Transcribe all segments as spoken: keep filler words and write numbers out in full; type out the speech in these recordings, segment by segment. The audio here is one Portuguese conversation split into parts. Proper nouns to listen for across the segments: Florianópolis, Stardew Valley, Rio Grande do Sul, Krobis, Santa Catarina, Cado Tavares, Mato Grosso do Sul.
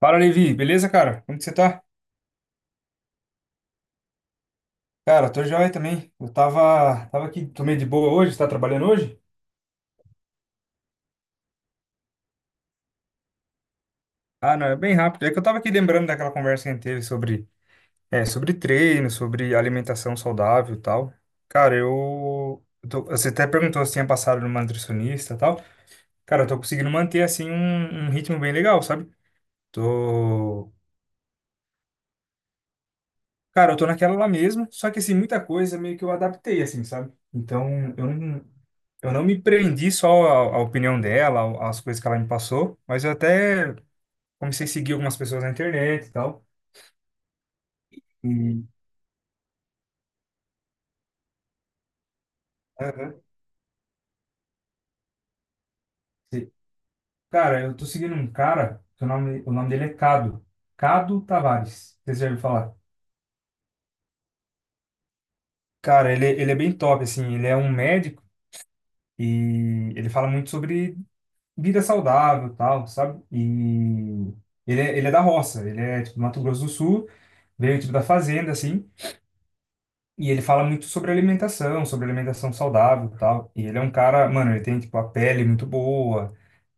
Fala, Levi. Beleza, cara? Como que você tá? Cara, tô joia também. Eu tava, tava aqui, tomei de boa hoje. Tá trabalhando hoje? Ah, não, é bem rápido. É que eu tava aqui lembrando daquela conversa que a gente teve sobre, é, sobre treino, sobre alimentação saudável e tal. Cara, eu, eu tô- você até perguntou se tinha passado numa nutricionista e tal. Cara, eu tô conseguindo manter, assim, um, um ritmo bem legal, sabe? Tô. Cara, eu tô naquela lá mesmo, só que assim, muita coisa meio que eu adaptei, assim, sabe? Então, eu não, eu não me prendi só à, à opinião dela, ao- às coisas que ela me passou, mas eu até comecei a seguir algumas pessoas na internet e tal. E, Aham. E, cara, eu tô seguindo um cara, que o nome, o nome dele é Cado. Cado Tavares, vocês já ouviram falar? Cara, ele, é, ele é bem top, assim, ele é um médico e ele fala muito sobre vida saudável, tal, sabe? E ele é, ele é da roça, ele é tipo do Mato Grosso do Sul, veio tipo da fazenda assim, e ele fala muito sobre alimentação, sobre alimentação saudável, tal. E ele é um cara, mano, ele tem tipo a pele muito boa,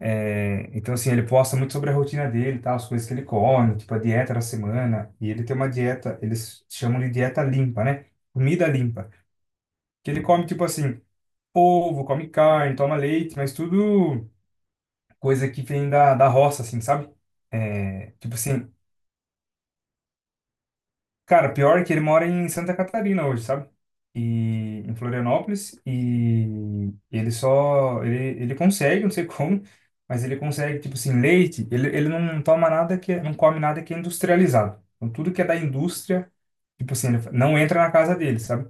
é, então assim, ele posta muito sobre a rotina dele, tal, as coisas que ele come, tipo a dieta da semana, e ele tem uma dieta, eles chamam de dieta limpa, né? Comida limpa. Que ele come tipo assim, ovo, come carne, toma leite, mas tudo coisa que vem da, da roça, assim, sabe? É, tipo assim, cara, pior é que ele mora em Santa Catarina hoje, sabe? E em Florianópolis, e ele só, ele, ele consegue, não sei como, mas ele consegue, tipo assim, leite, ele, ele não toma nada que, é- não come nada que é industrializado. Então, tudo que é da indústria, tipo assim, ele não entra na casa dele, sabe?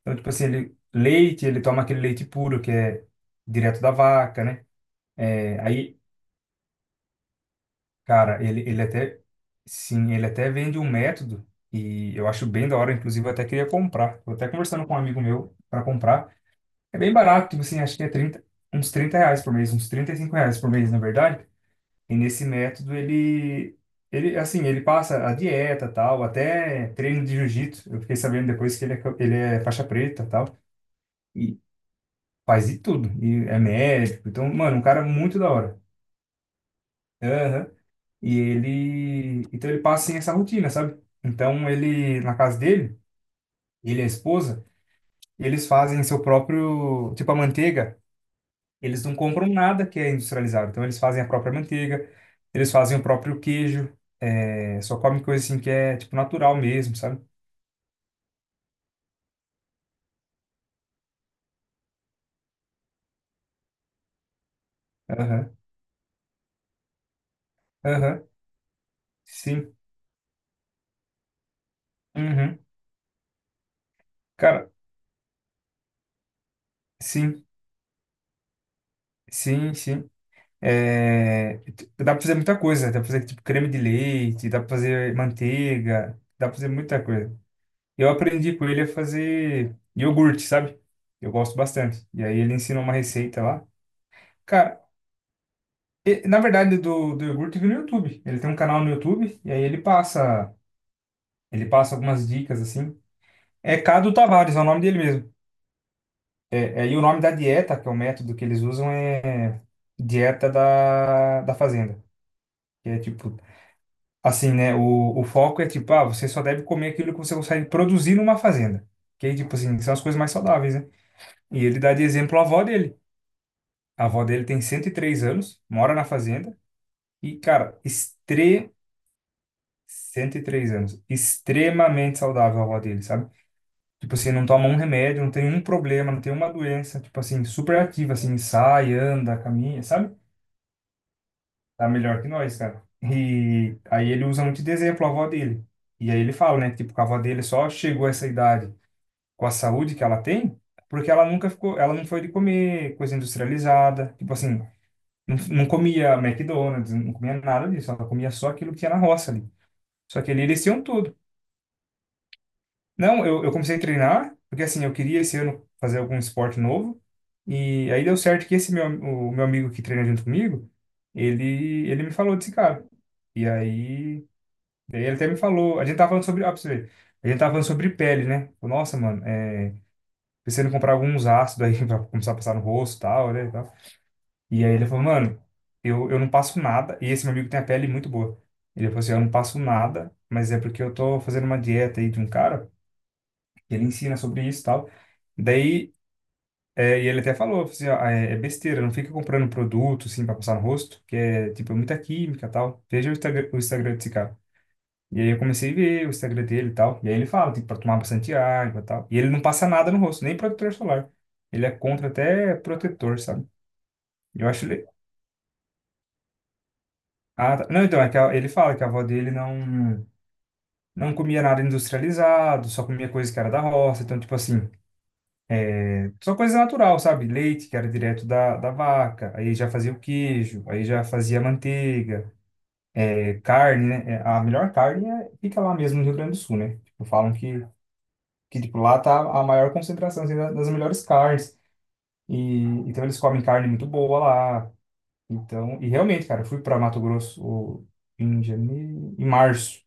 Então, tipo assim, ele, leite, ele toma aquele leite puro, que é direto da vaca, né? É, aí. Cara, ele, ele até, sim, ele até vende um método e eu acho bem da hora, inclusive eu até queria comprar. Tô até conversando com um amigo meu para comprar. É bem barato, tipo assim, acho que é trinta uns trinta reais por mês, uns trinta e cinco reais por mês, na verdade. E nesse método ele, ele, assim, ele passa a dieta, tal, até treino de jiu-jitsu. Eu fiquei sabendo depois que ele é, ca- ele é faixa preta, tal, e faz de tudo. E é médico, então, mano, um cara muito da hora. Aham. E ele, então ele passa sem essa rotina, sabe? Então ele, na casa dele, ele e a esposa, eles fazem seu próprio, tipo a manteiga, eles não compram nada que é industrializado. Então eles fazem a própria manteiga, eles fazem o próprio queijo, é, só comem coisa assim que é tipo natural mesmo, sabe? Aham, aham, sim, uhum. Cara, sim, sim, sim. É, t- dá pra fazer muita coisa, dá pra fazer tipo creme de leite, dá pra fazer manteiga, dá pra fazer muita coisa. Eu aprendi com ele a fazer iogurte, sabe? Eu gosto bastante. E aí ele ensina uma receita lá. Cara, e- na verdade do, do iogurte eu vi no YouTube. Ele tem um canal no YouTube e aí ele passa, ele passa, algumas dicas assim. É Cado Tavares, é o nome dele mesmo. É, e o nome da dieta, que é o método que eles usam, é dieta da, da fazenda. Que é tipo, assim, né? O, o foco é tipo, ah, você só deve comer aquilo que você consegue produzir numa fazenda. Que aí, tipo assim, são as coisas mais saudáveis, né? E ele dá de exemplo a avó dele. A avó dele tem cento e três anos, mora na fazenda e, cara, extre... cento e três anos. Extremamente saudável a avó dele, sabe? Tipo assim, não toma um remédio, não tem um problema, não tem uma doença. Tipo assim, super ativa, assim, sai, anda, caminha, sabe? Tá melhor que nós, cara. E aí ele usa muito de exemplo a avó dele. E aí ele fala, né? Tipo, que a avó dele só chegou a essa idade com a saúde que ela tem, porque ela nunca ficou, ela não foi de comer coisa industrializada. Tipo assim, Não, não comia McDonald's, não comia nada disso. Ela comia só aquilo que tinha na roça ali. Só que ali eles tinham tudo. Não, eu, eu comecei a treinar, porque assim, eu queria esse ano fazer algum esporte novo. E aí deu certo que esse meu, o meu amigo que treina junto comigo, ele, ele me falou desse cara. E aí, daí ele até me falou, a gente tava falando sobre, ah, pra você ver, a gente tava falando sobre pele, né? Falou, nossa, mano, é, pensando em comprar alguns ácidos aí pra começar a passar no rosto e tal, né? E aí ele falou, mano, eu, eu não passo nada. E esse meu amigo tem a pele muito boa. Ele falou assim, eu não passo nada, mas é porque eu tô fazendo uma dieta aí de um cara, que ele ensina sobre isso e tal. Daí, é, e ele até falou, falou, assim, ó, é, é besteira, não fica comprando produto, assim, pra passar no rosto, que é, tipo, muita química e tal. Veja o Instagram, o Instagram desse cara. E aí eu comecei a ver o Instagram dele e tal. E aí ele fala, tipo, pra tomar bastante água e tal. E ele não passa nada no rosto, nem protetor solar. Ele é contra até protetor, sabe? Eu acho. Ah, tá. Não, então, é que a- ele fala que a avó dele não, não comia nada industrializado, só comia coisa que era da roça, então, tipo assim, só coisa natural, sabe? Leite, que era direto da, da vaca, aí já fazia o queijo, aí já fazia a manteiga, é, carne, né? É, A melhor carne é- fica lá mesmo no Rio Grande do Sul, né? Tipo, falam que, que tipo, lá tá a maior concentração assim, da- das melhores carnes, e então eles comem carne muito boa lá, então, e realmente, cara, eu fui para Mato Grosso o- em janeiro, em março.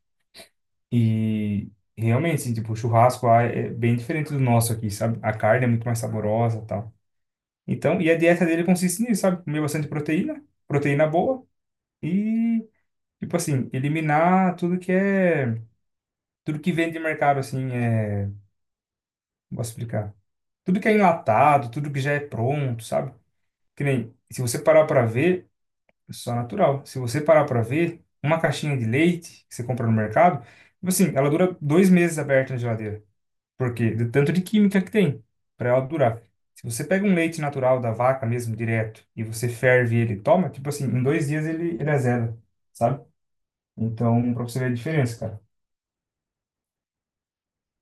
E realmente, assim, tipo, o churrasco lá é é bem diferente do nosso aqui, sabe? A carne é muito mais saborosa e tal. Então, e a dieta dele consiste nisso, sabe? Comer bastante proteína, proteína boa e, tipo assim, eliminar tudo que é, tudo que vem de mercado, assim, é, como posso explicar? Tudo que é enlatado, tudo que já é pronto, sabe? Que nem, se você parar pra ver, é só natural. Se você parar pra ver, uma caixinha de leite que você compra no mercado, tipo assim, ela dura dois meses aberta na geladeira. Porque do tanto de química que tem para ela durar. Se você pega um leite natural da vaca mesmo, direto, e você ferve ele e toma, tipo assim, em dois dias ele, ele azeda, sabe? Então, pra você ver a diferença, cara.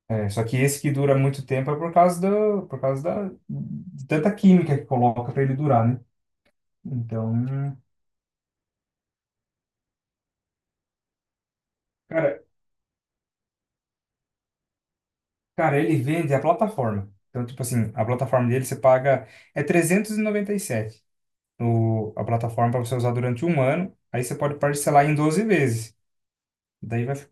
É, só que esse que dura muito tempo é por causa do, por causa da, de tanta química que coloca para ele durar, né? Então, cara, cara, ele vende a plataforma. Então, tipo assim, a plataforma dele você paga é trezentos e e noventa e sete o, a plataforma para você usar durante um ano. Aí você pode parcelar em doze vezes. Daí vai. fi-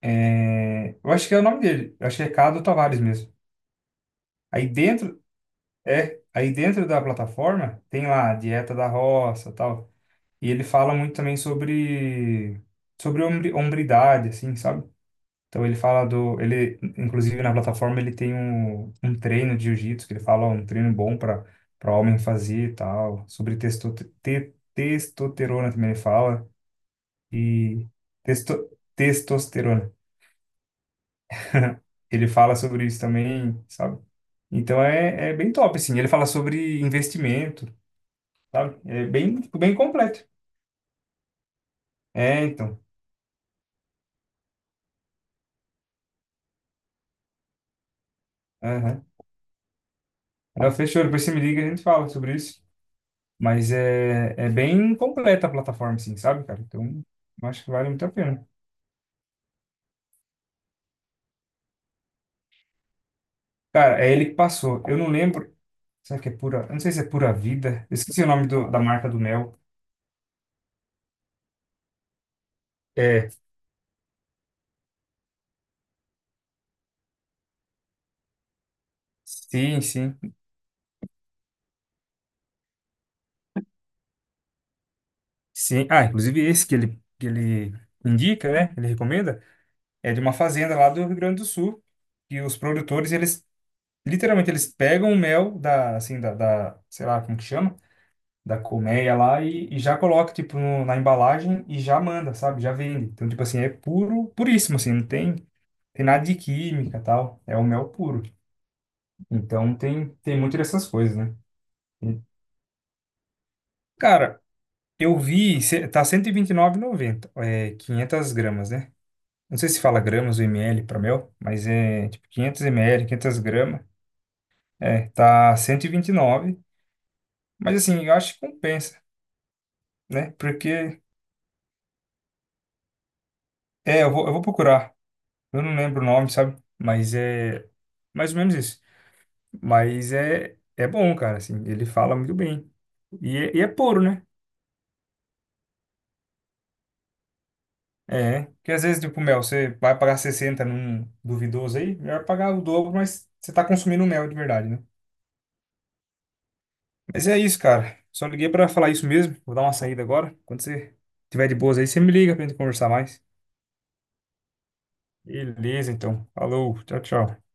É... Eu acho que é o nome dele. Eu acho que é Cado Tavares mesmo. Aí dentro, é, aí dentro da plataforma tem lá a dieta da roça, tal. E ele fala muito também sobre sobre hombri- hombridade, assim, sabe? Então ele fala do, ele inclusive na plataforma ele tem um, um treino de jiu-jitsu que ele fala ó, um treino bom para para homem fazer, e tal. Sobre testo, te, testosterona também ele fala e testo, testosterona. Ele fala sobre isso também, sabe? Então é, é bem top, assim. Ele fala sobre investimento, sabe? É bem, tipo, bem completo. É, então. Aham. Ah, Fechou, depois você me liga e a gente fala sobre isso. Mas é, é bem completa a plataforma, assim, sabe, cara? Então, eu acho que vale muito a pena. Cara, é ele que passou. Eu não lembro. Será que é pura. Eu não sei se é pura vida. Eu esqueci o nome do- da marca do mel. É. Sim, sim. Sim. Ah, inclusive esse que ele, que ele indica, né? Ele recomenda. É de uma fazenda lá do Rio Grande do Sul que os produtores eles Literalmente, eles pegam o mel da, assim, da, da, sei lá como que chama, da colmeia lá e, e já coloca, tipo, no- na embalagem e já manda, sabe? Já vende. Então, tipo assim, é puro, puríssimo, assim, não tem, tem nada de química tal. É o mel puro. Então, tem, tem muito dessas coisas, né? E, cara, eu vi, cê- tá cento e vinte e nove e noventa é quinhentas gramas, né? Não sei se fala gramas ou ml para mel, mas é tipo quinhentos ml, quinhentas gramas. É, tá cento e vinte e nove. Mas assim, eu acho que compensa, né? Porque, é, eu vou, eu vou procurar. Eu não lembro o nome, sabe? Mas é mais ou menos isso. Mas é, é bom, cara, assim, ele fala muito bem. E é, e é puro, né? É, porque às vezes, tipo, mel, você vai pagar sessenta num duvidoso aí, melhor pagar o dobro, mas você tá consumindo mel de verdade, né? Mas é isso, cara. Só liguei pra falar isso mesmo. Vou dar uma saída agora. Quando você tiver de boas aí, você me liga pra gente conversar mais. Beleza, então. Falou, tchau, tchau.